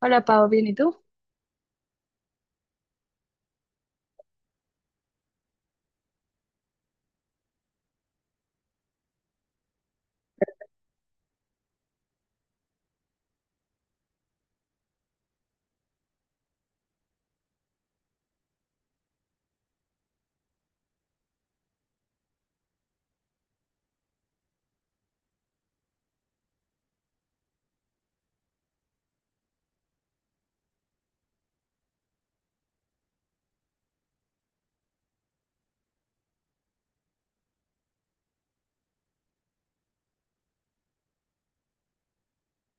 Hola Pau, bien, ¿y tú?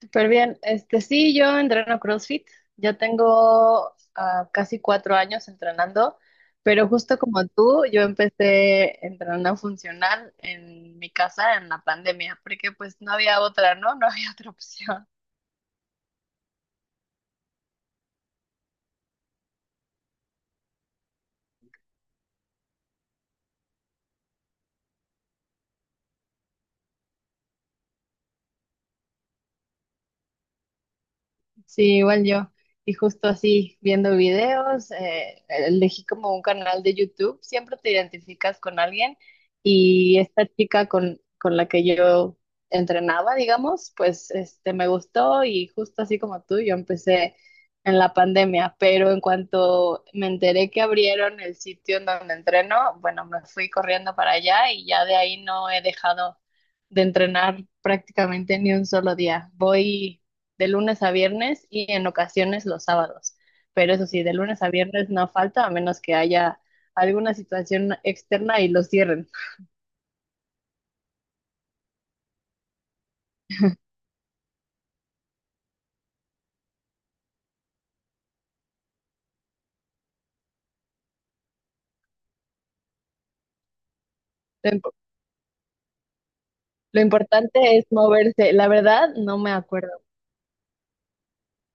Súper bien. Este, sí, yo entreno CrossFit. Ya tengo casi 4 años entrenando, pero justo como tú, yo empecé entrenando funcional en mi casa en la pandemia, porque pues no había otra, ¿no? No había otra opción. Sí, igual yo. Y justo así, viendo videos, elegí como un canal de YouTube, siempre te identificas con alguien y esta chica con la que yo entrenaba, digamos, pues este, me gustó y justo así como tú, yo empecé en la pandemia, pero en cuanto me enteré que abrieron el sitio en donde entreno, bueno, me fui corriendo para allá y ya de ahí no he dejado de entrenar prácticamente ni un solo día. Voy de lunes a viernes y en ocasiones los sábados. Pero eso sí, de lunes a viernes no falta, a menos que haya alguna situación externa y los cierren. Lo, imp- lo importante es moverse. La verdad, no me acuerdo.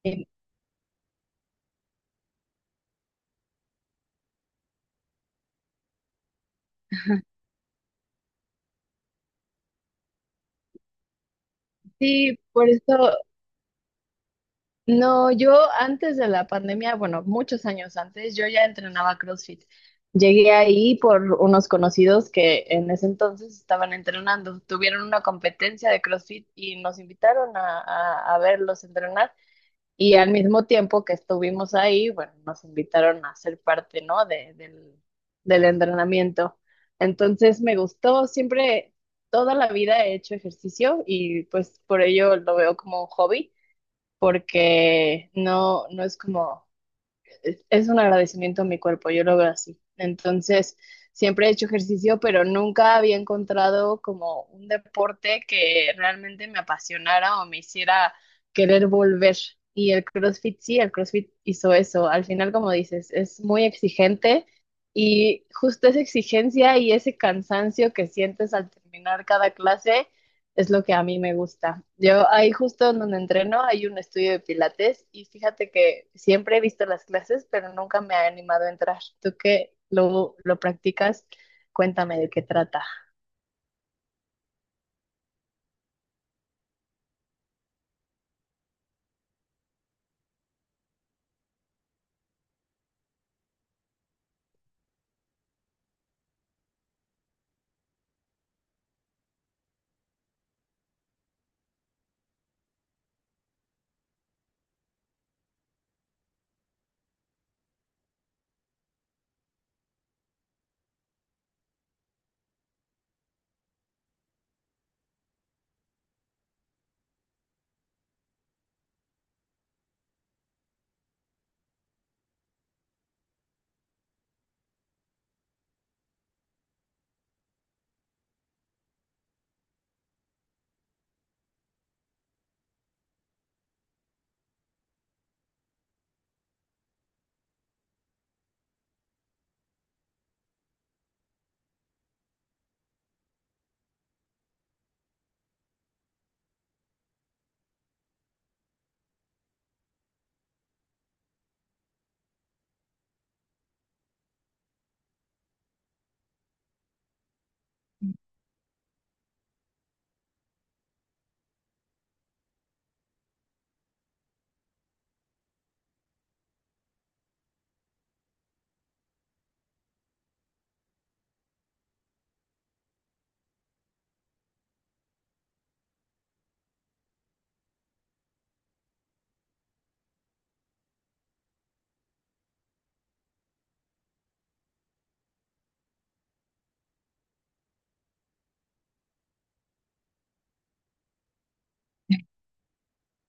Eh, Sí, por eso, no, yo antes de la pandemia, bueno, muchos años antes, yo ya entrenaba CrossFit. Llegué ahí por unos conocidos que en ese entonces estaban entrenando. Tuvieron una competencia de CrossFit y nos invitaron a verlos entrenar. Y al mismo tiempo que estuvimos ahí, bueno, nos invitaron a ser parte, ¿no? del del entrenamiento. Entonces me gustó, siempre, toda la vida he hecho ejercicio y pues por ello lo veo como un hobby, porque no es como es un agradecimiento a mi cuerpo, yo lo veo así. Entonces, siempre he hecho ejercicio, pero nunca había encontrado como un deporte que realmente me apasionara o me hiciera querer volver. Y el CrossFit sí, el CrossFit hizo eso. Al final, como dices, es muy exigente y justo esa exigencia y ese cansancio que sientes al terminar cada clase es lo que a mí me gusta. Yo ahí justo donde entreno hay un estudio de pilates y fíjate que siempre he visto las clases, pero nunca me ha animado a entrar. Tú que lo practicas, cuéntame de qué trata.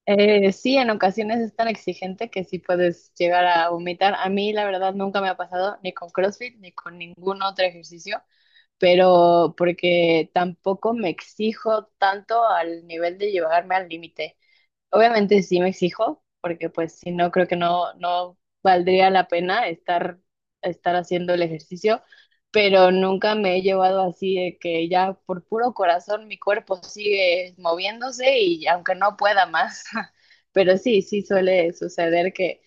Sí, en ocasiones es tan exigente que sí puedes llegar a vomitar. A mí la verdad nunca me ha pasado ni con CrossFit ni con ningún otro ejercicio, pero porque tampoco me exijo tanto al nivel de llevarme al límite. Obviamente sí me exijo, porque pues si no, creo que no valdría la pena estar haciendo el ejercicio, pero nunca me he llevado así de que ya por puro corazón mi cuerpo sigue moviéndose y aunque no pueda más, pero sí, sí suele suceder que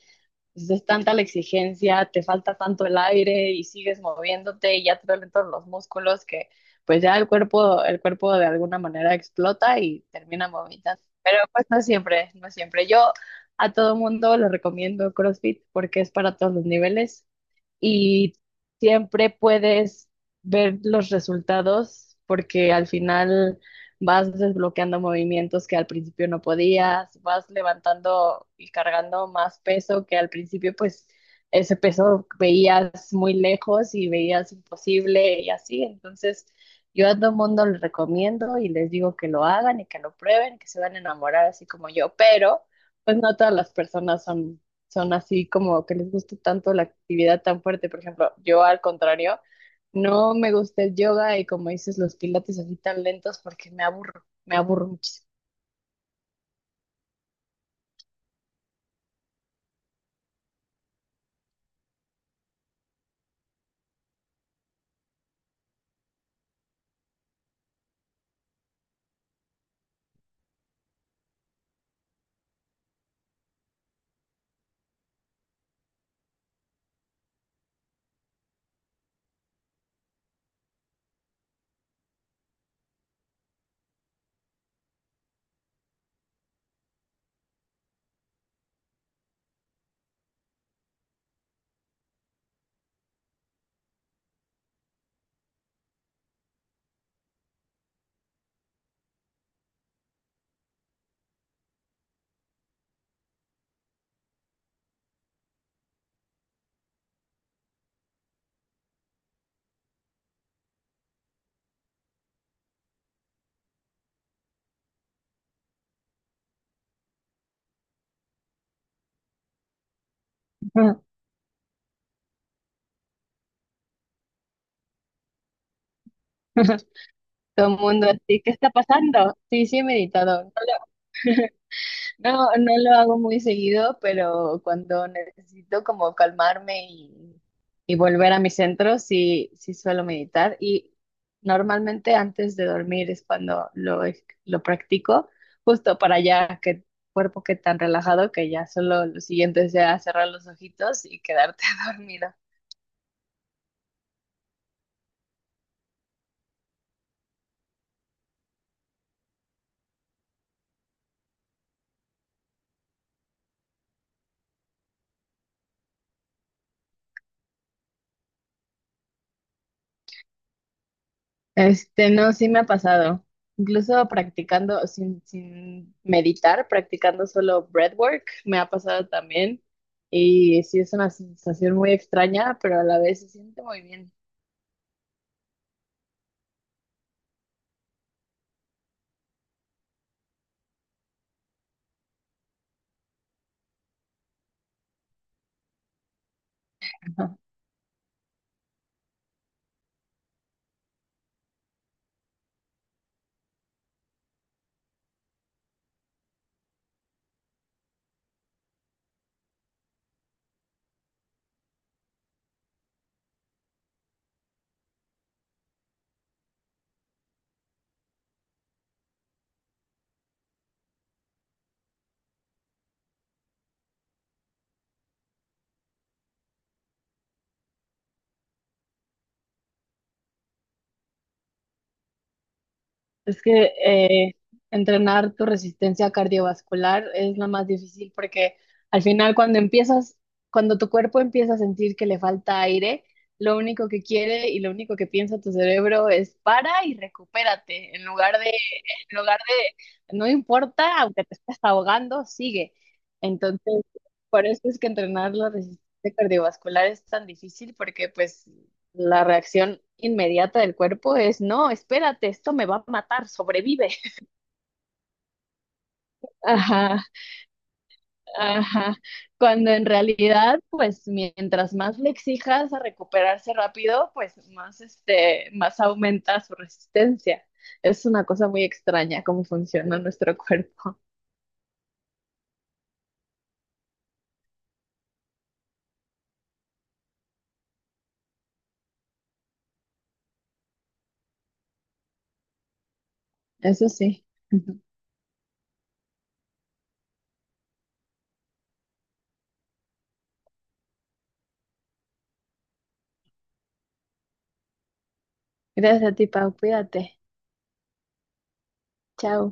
entonces es tanta la exigencia, te falta tanto el aire y sigues moviéndote y ya te duelen todos los músculos que pues ya el cuerpo de alguna manera explota y termina vomitando. Pero pues no siempre, no siempre. Yo a todo mundo le recomiendo CrossFit porque es para todos los niveles y siempre puedes ver los resultados porque al final vas desbloqueando movimientos que al principio no podías, vas levantando y cargando más peso que al principio pues ese peso veías muy lejos y veías imposible y así. Entonces yo a todo el mundo les recomiendo y les digo que lo hagan y que lo prueben, que se van a enamorar así como yo, pero pues no todas las personas son así como que les gusta tanto la actividad tan fuerte. Por ejemplo, yo al contrario, no me gusta el yoga y como dices, los pilates así tan lentos porque me aburro muchísimo. Todo el mundo así, ¿qué está pasando? Sí, sí he meditado. No, no lo hago muy seguido, pero cuando necesito como calmarme y volver a mi centro, sí, sí suelo meditar. Y normalmente antes de dormir es cuando lo practico, justo para ya que el cuerpo quede tan relajado que ya solo lo siguiente sea cerrar los ojitos y quedarte dormido. Este, no, sí me ha pasado. Incluso practicando sin meditar, practicando solo breathwork, me ha pasado también. Y sí es una sensación muy extraña, pero a la vez se siente muy bien. Es que entrenar tu resistencia cardiovascular es la más difícil porque al final cuando empiezas, cuando tu cuerpo empieza a sentir que le falta aire, lo único que quiere y lo único que piensa tu cerebro es para y recupérate, en lugar de, no importa, aunque te estés ahogando, sigue. Entonces, por eso es que entrenar la resistencia cardiovascular es tan difícil porque pues la reacción inmediata del cuerpo es, no, espérate, esto me va a matar, sobrevive. Ajá, ajá. Cuando en realidad, pues mientras más le exijas a recuperarse rápido, pues más, este, más aumenta su resistencia. Es una cosa muy extraña cómo funciona nuestro cuerpo. Eso sí. Ujú. Gracias a ti, Pau. Cuídate. Chao.